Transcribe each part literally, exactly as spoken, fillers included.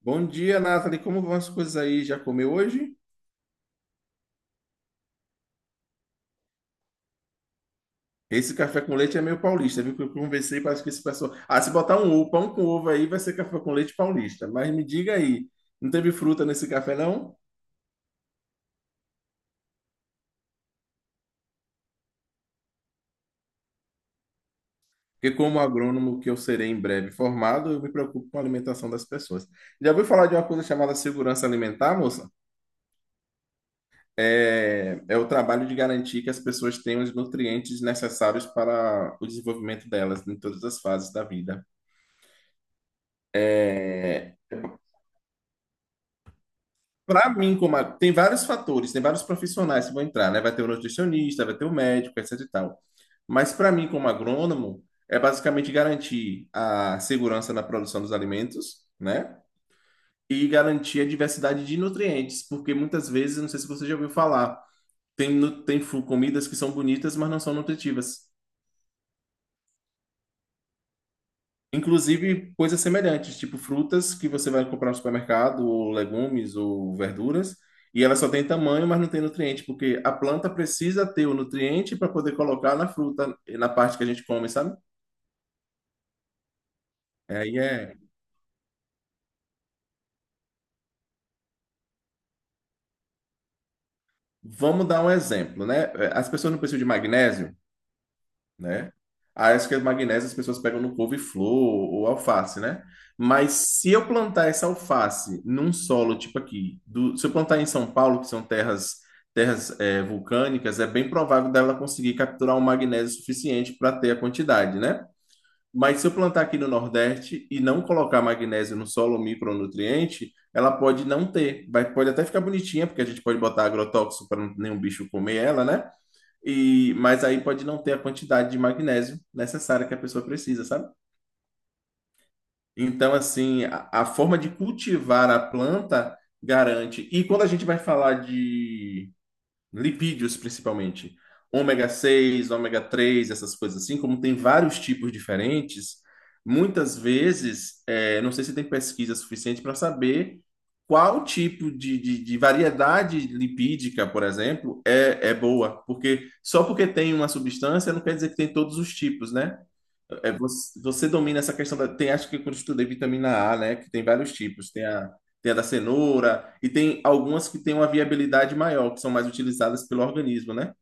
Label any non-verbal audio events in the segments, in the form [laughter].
Bom dia, Nathalie. Como vão as coisas aí? Já comeu hoje? Esse café com leite é meio paulista, viu? Que eu conversei, parece que esse pessoal. Ah, se botar um ovo, pão com ovo aí, vai ser café com leite paulista. Mas me diga aí, não teve fruta nesse café, não? Porque, como agrônomo que eu serei em breve formado, eu me preocupo com a alimentação das pessoas. Já ouviu falar de uma coisa chamada segurança alimentar, moça? É, é o trabalho de garantir que as pessoas tenham os nutrientes necessários para o desenvolvimento delas em todas as fases da vida. É, para mim, como a- tem vários fatores, tem vários profissionais que vão entrar, né? Vai ter o nutricionista, vai ter o médico, etc e tal. Mas para mim, como agrônomo, é basicamente garantir a segurança na produção dos alimentos, né? E garantir a diversidade de nutrientes, porque muitas vezes, não sei se você já ouviu falar, tem, nu- tem fu- comidas que são bonitas, mas não são nutritivas. Inclusive coisas semelhantes, tipo frutas que você vai comprar no supermercado, ou legumes, ou verduras, e ela só tem tamanho, mas não tem nutriente, porque a planta precisa ter o nutriente para poder colocar na fruta, na parte que a gente come, sabe? Aí é. Vamos dar um exemplo, né? As pessoas não precisam de magnésio, né? Ah, acho que as magnésias as pessoas pegam no couve-flor ou alface, né? Mas se eu plantar essa alface num solo tipo aqui, do- se eu plantar em São Paulo, que são terras terras eh, vulcânicas, é bem provável dela conseguir capturar um magnésio suficiente para ter a quantidade, né? Mas se eu plantar aqui no Nordeste e não colocar magnésio no solo, micronutriente, ela pode não ter. Vai, pode até ficar bonitinha, porque a gente pode botar agrotóxico para nenhum bicho comer ela, né? E, mas aí pode não ter a quantidade de magnésio necessária que a pessoa precisa, sabe? Então, assim, a, a forma de cultivar a planta garante. E quando a gente vai falar de lipídios principalmente, ômega seis ômega três, essas coisas assim, como tem vários tipos diferentes, muitas vezes, é, não sei se tem pesquisa suficiente para saber qual tipo de, de, de variedade lipídica, por exemplo, é, é boa, porque só porque tem uma substância não quer dizer que tem todos os tipos, né? É, você, você domina essa questão da. Tem, acho que quando eu estudei vitamina A, né? Que tem vários tipos. Tem a, tem a da cenoura, e tem algumas que têm uma viabilidade maior, que são mais utilizadas pelo organismo, né?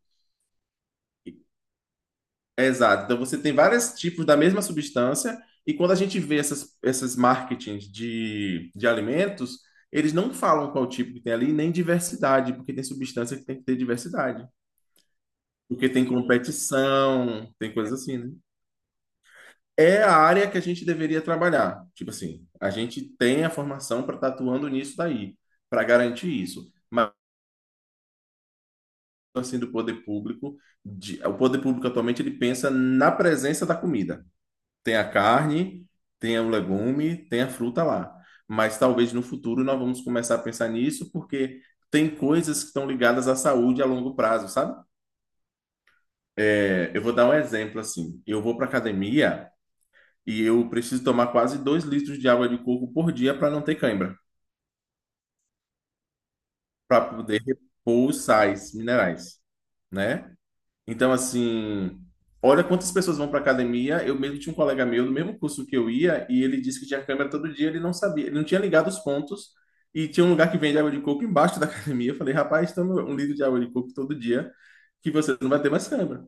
É, exato. Então você tem vários tipos da mesma substância, e quando a gente vê essas, essas marketings de, de alimentos, eles não falam qual tipo que tem ali, nem diversidade, porque tem substância que tem que ter diversidade. Porque tem competição, tem coisas assim, né? É a área que a gente deveria trabalhar. Tipo assim, a gente tem a formação para estar atuando nisso daí, para garantir isso. Mas assim do poder público, de- o poder público atualmente ele pensa na presença da comida. Tem a carne, tem o legume, tem a fruta lá. Mas talvez no futuro nós vamos começar a pensar nisso porque tem coisas que estão ligadas à saúde a longo prazo, sabe? É, eu vou dar um exemplo assim. Eu vou para academia e eu preciso tomar quase dois litros de água de coco por dia para não ter cãibra, para poder repor os sais minerais, né? Então, assim, olha quantas pessoas vão para academia. Eu mesmo tinha um colega meu do mesmo curso que eu ia e ele disse que tinha câimbra todo dia. Ele não sabia, ele não tinha ligado os pontos. E tinha um lugar que vende água de coco embaixo da [laughs] academia. Eu falei, rapaz, toma um litro de água de coco todo dia que você não vai ter mais câimbra,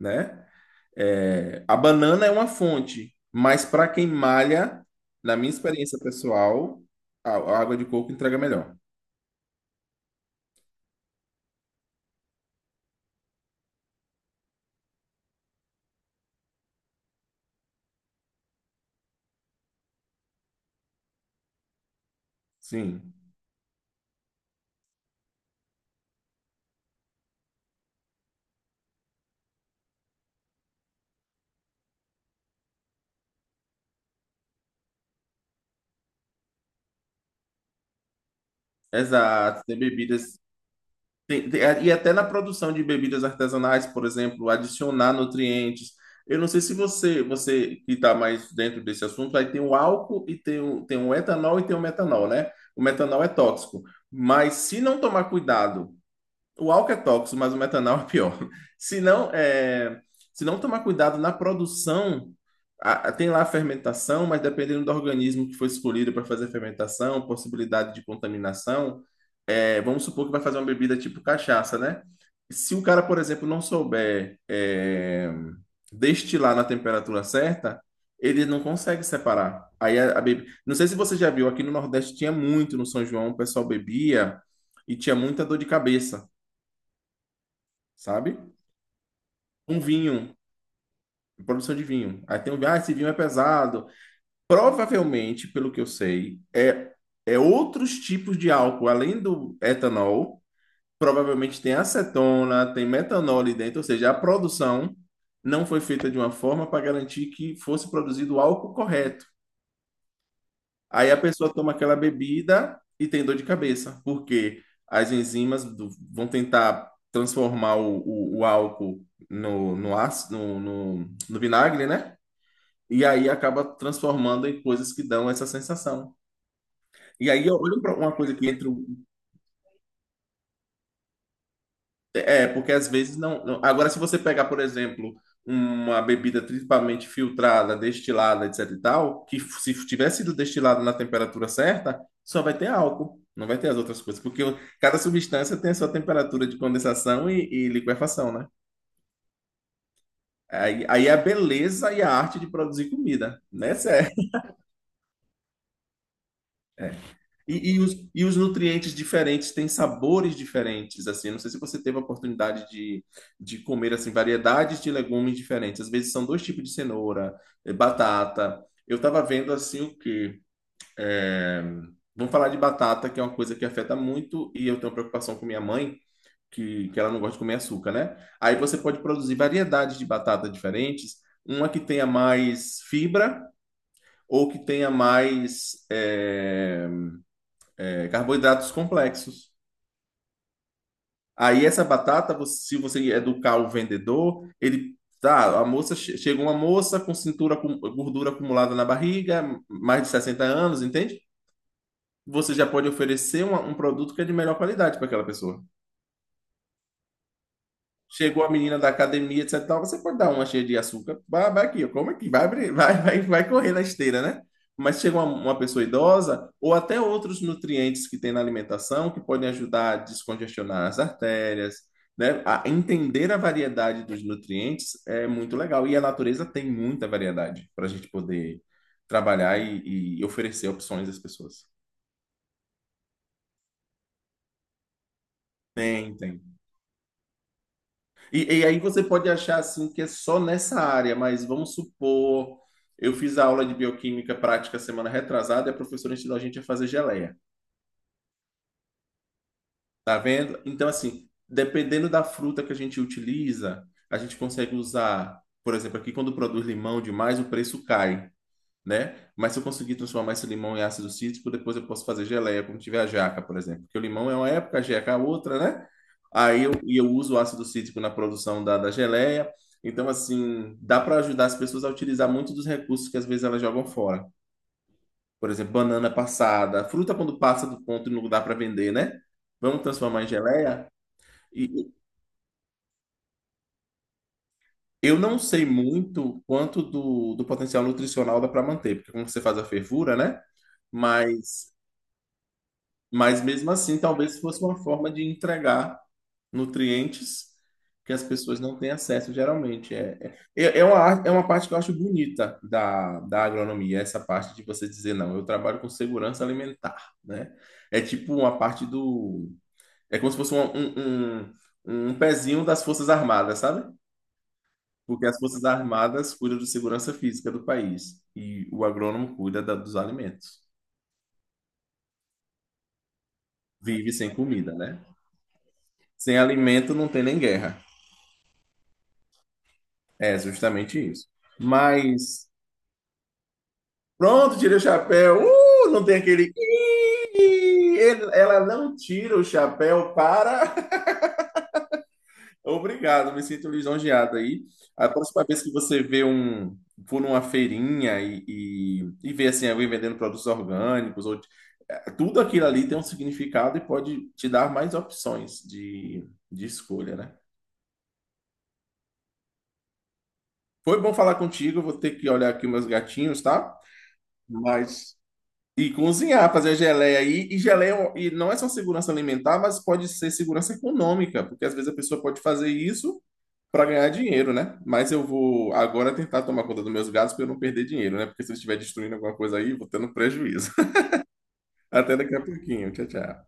né? É, a banana é uma fonte, mas para quem malha, na minha experiência pessoal, a, a água de coco entrega melhor. Sim, exato. Tem bebidas. Tem- tem- é, e até na produção de bebidas artesanais, por exemplo, adicionar nutrientes. Eu não sei se você, você que está mais dentro desse assunto, aí tem o álcool e tem o, tem o etanol e tem o metanol, né? O metanol é tóxico. Mas se não tomar cuidado. O álcool é tóxico, mas o metanol é pior. [laughs] Se não, é, Se não tomar cuidado na produção, a- a- tem lá a fermentação, mas dependendo do organismo que foi escolhido para fazer a fermentação, possibilidade de contaminação, é, vamos supor que vai fazer uma bebida tipo cachaça, né? Se o cara, por exemplo, não souber é, destilar na temperatura certa, ele não consegue separar. Aí a, a bebida. Não sei se você já viu, aqui no Nordeste tinha muito, no São João, o pessoal bebia e tinha muita dor de cabeça, sabe? Um vinho, produção de vinho. Aí tem um vinho, ah, esse vinho é pesado. Provavelmente, pelo que eu sei, é, é outros tipos de álcool, além do etanol, provavelmente tem acetona, tem metanol ali dentro, ou seja, a produção não foi feita de uma forma para garantir que fosse produzido o álcool correto. Aí a pessoa toma aquela bebida e tem dor de cabeça, porque as enzimas do- vão tentar transformar o, o- o álcool no, no ácido, no, no no vinagre, né? E aí acaba transformando em coisas que dão essa sensação. E aí olha pra uma coisa que entra. o- É, porque às vezes não. não- Agora, se você pegar, por exemplo, uma bebida principalmente filtrada, destilada, etc e tal, que f- se tivesse sido destilada na temperatura certa, só vai ter álcool, não vai ter as outras coisas. Porque o- cada substância tem a sua temperatura de condensação e, e liquefação, né? Aí, aí é a beleza e a arte de produzir comida, né? Essa é. E, e os, e os nutrientes diferentes têm sabores diferentes, assim. Não sei se você teve a oportunidade de, de comer, assim, variedades de legumes diferentes. Às vezes são dois tipos de cenoura, eh, batata. Eu estava vendo, assim, o quê? É, Vamos falar de batata, que é uma coisa que afeta muito, e eu tenho preocupação com minha mãe, que, que ela não gosta de comer açúcar, né? Aí você pode produzir variedades de batata diferentes, uma que tenha mais fibra ou que tenha mais eh, eh, carboidratos complexos. Aí essa batata, você- se você educar o vendedor, ele tá, a moça che- chega uma moça com cintura com gordura acumulada na barriga, mais de sessenta anos, entende? Você já pode oferecer uma- um produto que é de melhor qualidade para aquela pessoa. Chegou a menina da academia, etcétera e tal, você pode dar uma cheia de açúcar, vai, vai aqui, ó, come aqui, vai, abrir, vai, vai, vai correr na esteira, né? Mas chega uma, uma pessoa idosa, ou até outros nutrientes que tem na alimentação, que podem ajudar a descongestionar as artérias, né? A entender a variedade dos nutrientes é muito legal. E a natureza tem muita variedade para a gente poder trabalhar e, e oferecer opções às pessoas. Tem, tem. E, e aí você pode achar assim que é só nessa área, mas vamos supor, eu fiz a aula de bioquímica prática semana retrasada e a professora ensinou a gente a fazer geleia, tá vendo? Então assim, dependendo da fruta que a gente utiliza, a gente consegue usar, por exemplo, aqui quando produz limão demais, o preço cai, né? Mas se eu conseguir transformar esse limão em ácido cítrico, depois eu posso fazer geleia, como tiver a jaca, por exemplo. Porque o limão é uma época, a jaca é outra, né? Aí eu, e eu uso o ácido cítrico na produção da, da geleia. Então, assim, dá para ajudar as pessoas a utilizar muito dos recursos que às vezes elas jogam fora. Por exemplo, banana passada, fruta quando passa do ponto e não dá para vender, né? Vamos transformar em geleia? E eu não sei muito quanto do, do potencial nutricional dá para manter, porque como você faz a fervura, né? Mas Mas mesmo assim, talvez fosse uma forma de entregar nutrientes que as pessoas não têm acesso geralmente. É, é, é uma, ar- é uma parte que eu acho bonita da, da agronomia, essa parte de você dizer, não, eu trabalho com segurança alimentar, né? É tipo uma parte do... É como se fosse um, um, um, um pezinho das Forças Armadas, sabe? Porque as Forças Armadas cuidam de segurança física do país e o agrônomo cuida da- dos alimentos. Vive sem comida, né? Sem alimento não tem nem guerra. É justamente isso. Mas pronto, tirei o chapéu. Uh, não tem aquele. "Ih". Ele- Ela não tira o chapéu para. [laughs] Obrigado, me sinto lisonjeado aí. A próxima vez que você vê um. For numa feirinha e, e, e ver assim, alguém vendendo produtos orgânicos, ou eh, tudo aquilo ali tem um significado e pode te dar mais opções de, de escolha, né? Foi bom falar contigo, vou ter que olhar aqui meus gatinhos, tá? Mas e cozinhar, fazer a geleia aí. E geleia é um- e não é só segurança alimentar, mas pode ser segurança econômica, porque às vezes a pessoa pode fazer isso para ganhar dinheiro, né? Mas eu vou agora tentar tomar conta dos meus gatos para eu não perder dinheiro, né? Porque se eu estiver destruindo alguma coisa aí, eu vou tendo prejuízo. [laughs] Até daqui a pouquinho. Tchau, tchau.